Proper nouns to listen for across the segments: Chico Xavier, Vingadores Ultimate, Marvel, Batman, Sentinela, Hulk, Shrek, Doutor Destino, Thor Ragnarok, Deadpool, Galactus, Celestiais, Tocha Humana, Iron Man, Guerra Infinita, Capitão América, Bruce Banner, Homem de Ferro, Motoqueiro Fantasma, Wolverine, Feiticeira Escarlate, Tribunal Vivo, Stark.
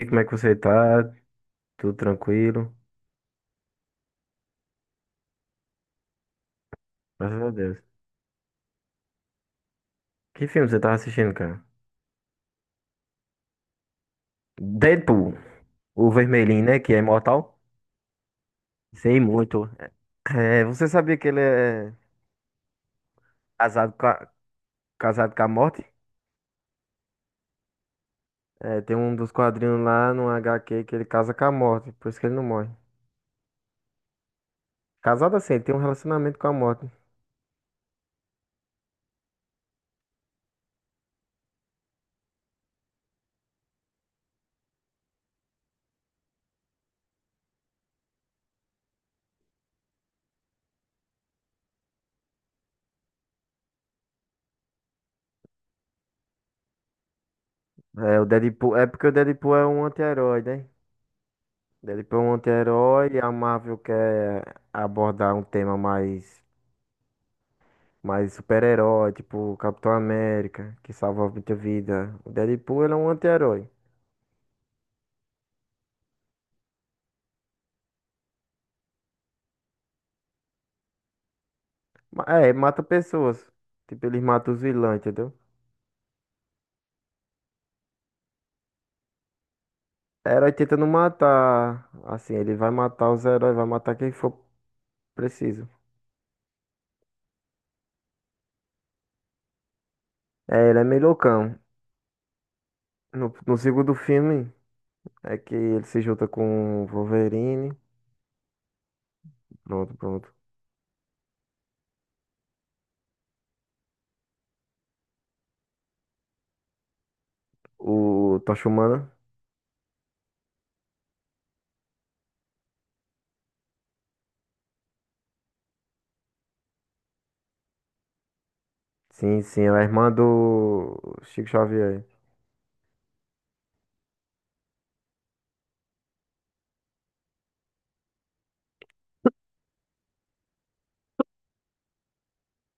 E como é que você tá? Tudo tranquilo? Graças a Deus. Que filme você tava assistindo, cara? Deadpool, o vermelhinho, né? Que é imortal. Sei muito. É, você sabia que ele é casado com a, casado com a morte? É, tem um dos quadrinhos lá no HQ que ele casa com a morte, por isso que ele não morre. Casado assim, ele tem um relacionamento com a morte. É, o Deadpool, é porque o Deadpool é um anti-herói, né? Deadpool é um anti-herói e a Marvel quer abordar um tema mais. Mas super-herói, tipo Capitão América, que salva muita vida. O Deadpool, ele é um anti-herói. É, mata pessoas. Tipo, ele mata os vilões, entendeu? Herói tenta não matar. Assim, ele vai matar os heróis, vai matar quem for preciso. É, ele é meio loucão. No segundo filme, é que ele se junta com o Wolverine. Pronto, pronto. O Tocha Humana. Sim, sim, é a irmã do Chico Xavier.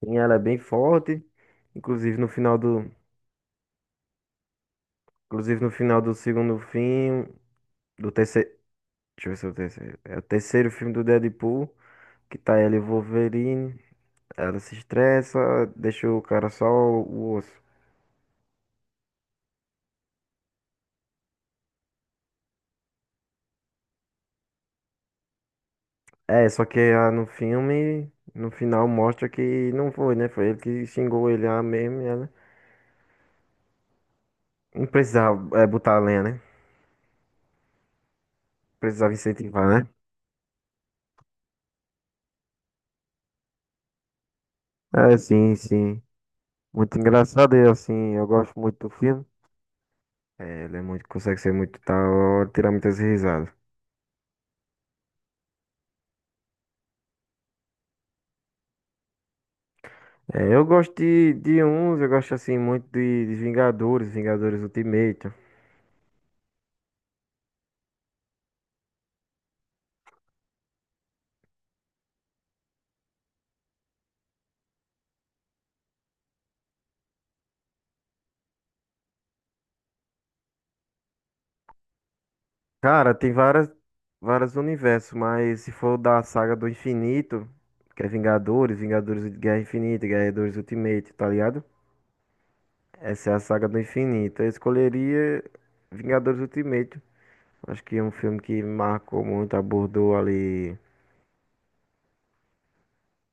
Sim, ela é bem forte. Inclusive, no final do, Inclusive no final do segundo filme, do terceiro, deixa eu ver se é o terceiro, é o terceiro filme do Deadpool, que tá ela e o Wolverine, ela se estressa, deixa o cara só o osso. É, só que no filme, no final mostra que não foi, né? Foi ele que xingou ele lá mesmo e ela não precisava é, botar a lenha, né? Precisava incentivar, né? É, sim, sim. Muito engraçado e assim, eu gosto muito do filme. É, ele é muito, consegue ser muito tal, tirar muitas risadas. É, eu gosto de uns, eu gosto assim muito de Vingadores, Vingadores Ultimate. Cara, tem várias, vários universos, mas se for da saga do infinito, que é Vingadores, Vingadores de Guerra Infinita, Vingadores Ultimate, tá ligado? Essa é a saga do infinito. Eu escolheria Vingadores Ultimate. Acho que é um filme que marcou muito, abordou ali,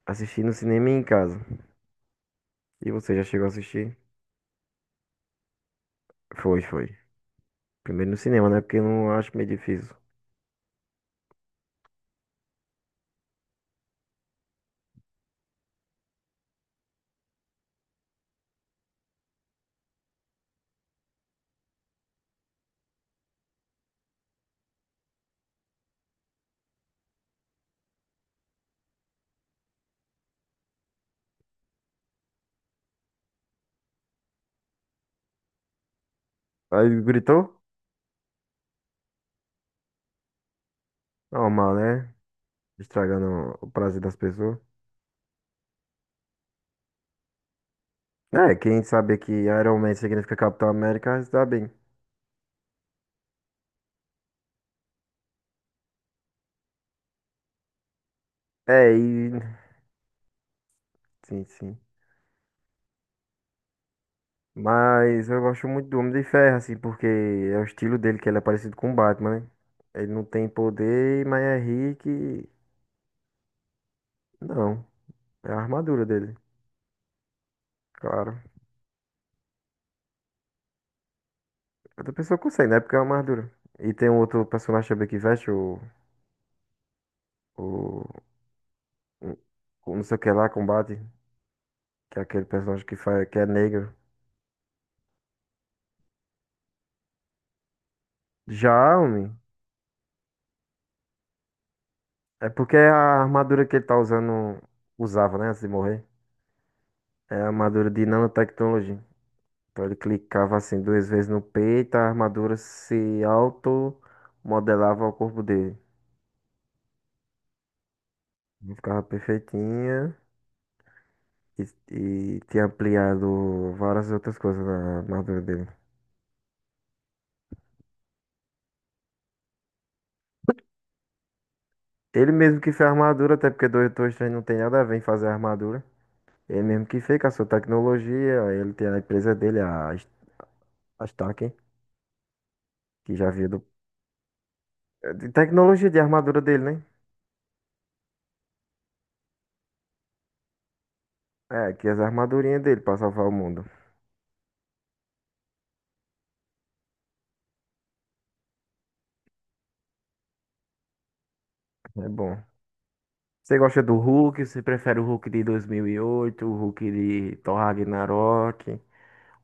assisti no cinema e em casa. E você já chegou a assistir? Foi, foi. Primeiro no cinema, né? Porque eu não acho meio difícil. Aí gritou? Normal, né? Estragando o prazer das pessoas. É, quem sabe que Iron Man significa Capitão América, está bem. É. Sim, sim. Mas eu gosto muito do Homem de Ferro, assim, porque é o estilo dele, que ele é parecido com o Batman, né? Ele não tem poder, mas é rico e... Não, é a armadura dele, claro. É, outra pessoa consegue, né? Porque é uma armadura. E tem um outro personagem também que veste o... o- o Não sei o que lá, combate. Que é aquele personagem que, faz... que é negro. Já, homem. É porque é a armadura que ele tá usando, usava, né, antes de morrer, é a armadura de nanotecnologia. Então ele clicava assim duas vezes no peito, a armadura se auto-modelava ao corpo dele. Não, ficava perfeitinha e, e tinha ampliado várias outras coisas na armadura dele. Ele mesmo que fez a armadura, até porque 223 não tem nada a ver em fazer a armadura. Ele mesmo que fez com a sua tecnologia, ele tem a empresa dele, a Stark, que já viu do, de tecnologia de armadura dele, né? É, que as armadurinhas dele pra salvar o mundo. É bom. Você gosta do Hulk? Você prefere o Hulk de 2008, o Hulk de Thor Ragnarok,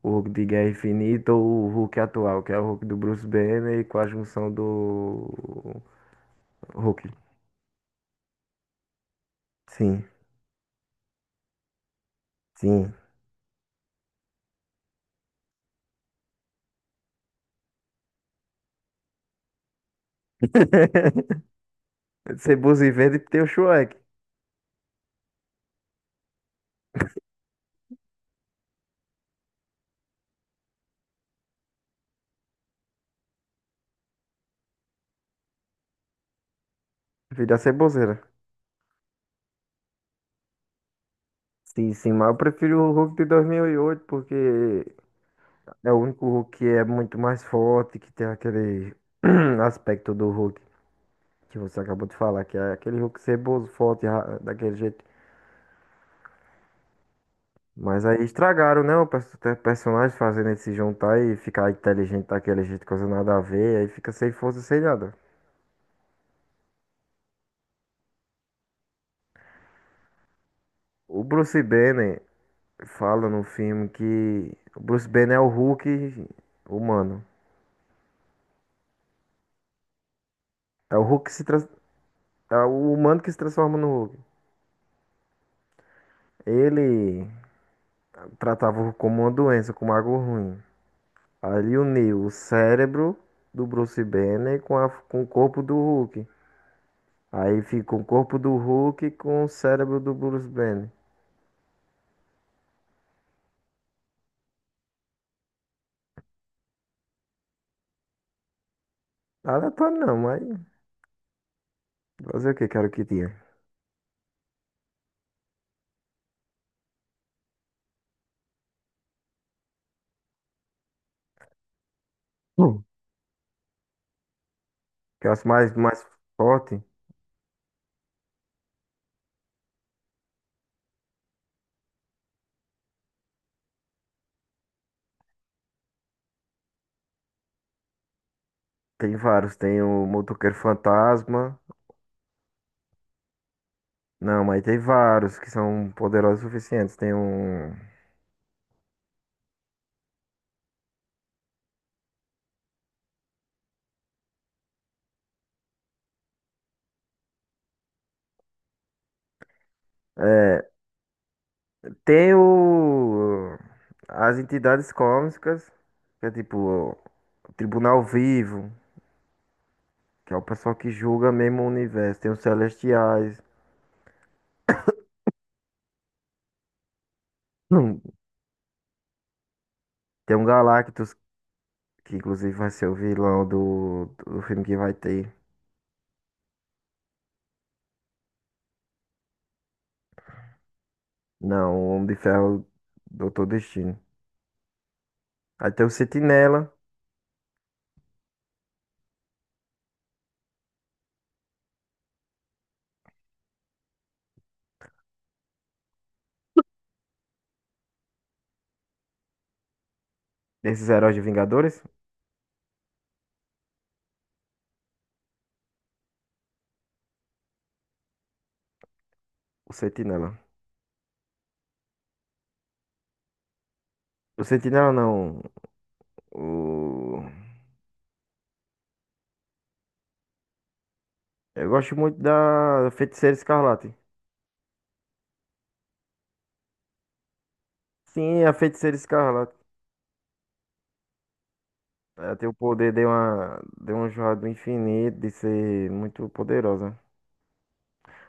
o Hulk de Guerra Infinita ou o Hulk atual, que é o Hulk do Bruce Banner com a junção do Hulk? Sim, sim. Ceboso e verde tem o Shrek. Filho da ceboseira. Sim, sim, mas eu prefiro o Hulk de 2008 porque é o único Hulk que é muito mais forte, que tem aquele aspecto do Hulk que você acabou de falar, que é aquele Hulk ceboso, forte, daquele jeito. Mas aí estragaram, né? O perso- ter personagem fazendo ele se juntar e ficar inteligente daquele jeito, coisa nada a ver, aí fica sem força, sem nada. O Bruce Banner fala no filme que o Bruce Banner é o Hulk humano. É o Hulk que se trans... é o humano que se transforma no Hulk. Ele tratava o Hulk como uma doença, como algo ruim. Ali uniu o cérebro do Bruce Banner com, a... com o corpo do Hulk. Aí fica o corpo do Hulk com o cérebro do Bruce Banner. Aleatório não, mas fazer o que? Quero que tinha. Hum. Que é os mais, mais forte. Tem vários. Tem o Motoqueiro Fantasma. Não, mas tem vários que são poderosos o suficientes. Tem um. Tem o. As entidades cósmicas. Que é tipo. O Tribunal Vivo. Que é o pessoal que julga mesmo o universo. Tem os Celestiais. Hum. Tem um Galactus que inclusive vai ser o vilão do filme que vai ter. Não, o Homem de Ferro, Doutor Destino. Aí tem o Sentinela, desses heróis de Vingadores. O Sentinela. O Sentinela não. O... Eu gosto muito da Feiticeira Escarlate. Sim, a Feiticeira Escarlate. Ela tem o poder de uma joia do infinito, de ser muito poderosa.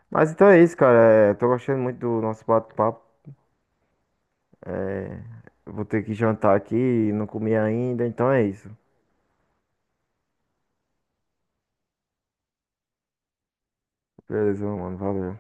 Mas então é isso, cara. É, tô gostando muito do nosso bate-papo. É, eu vou ter que jantar aqui, não comi ainda, então é isso. Beleza, mano. Valeu.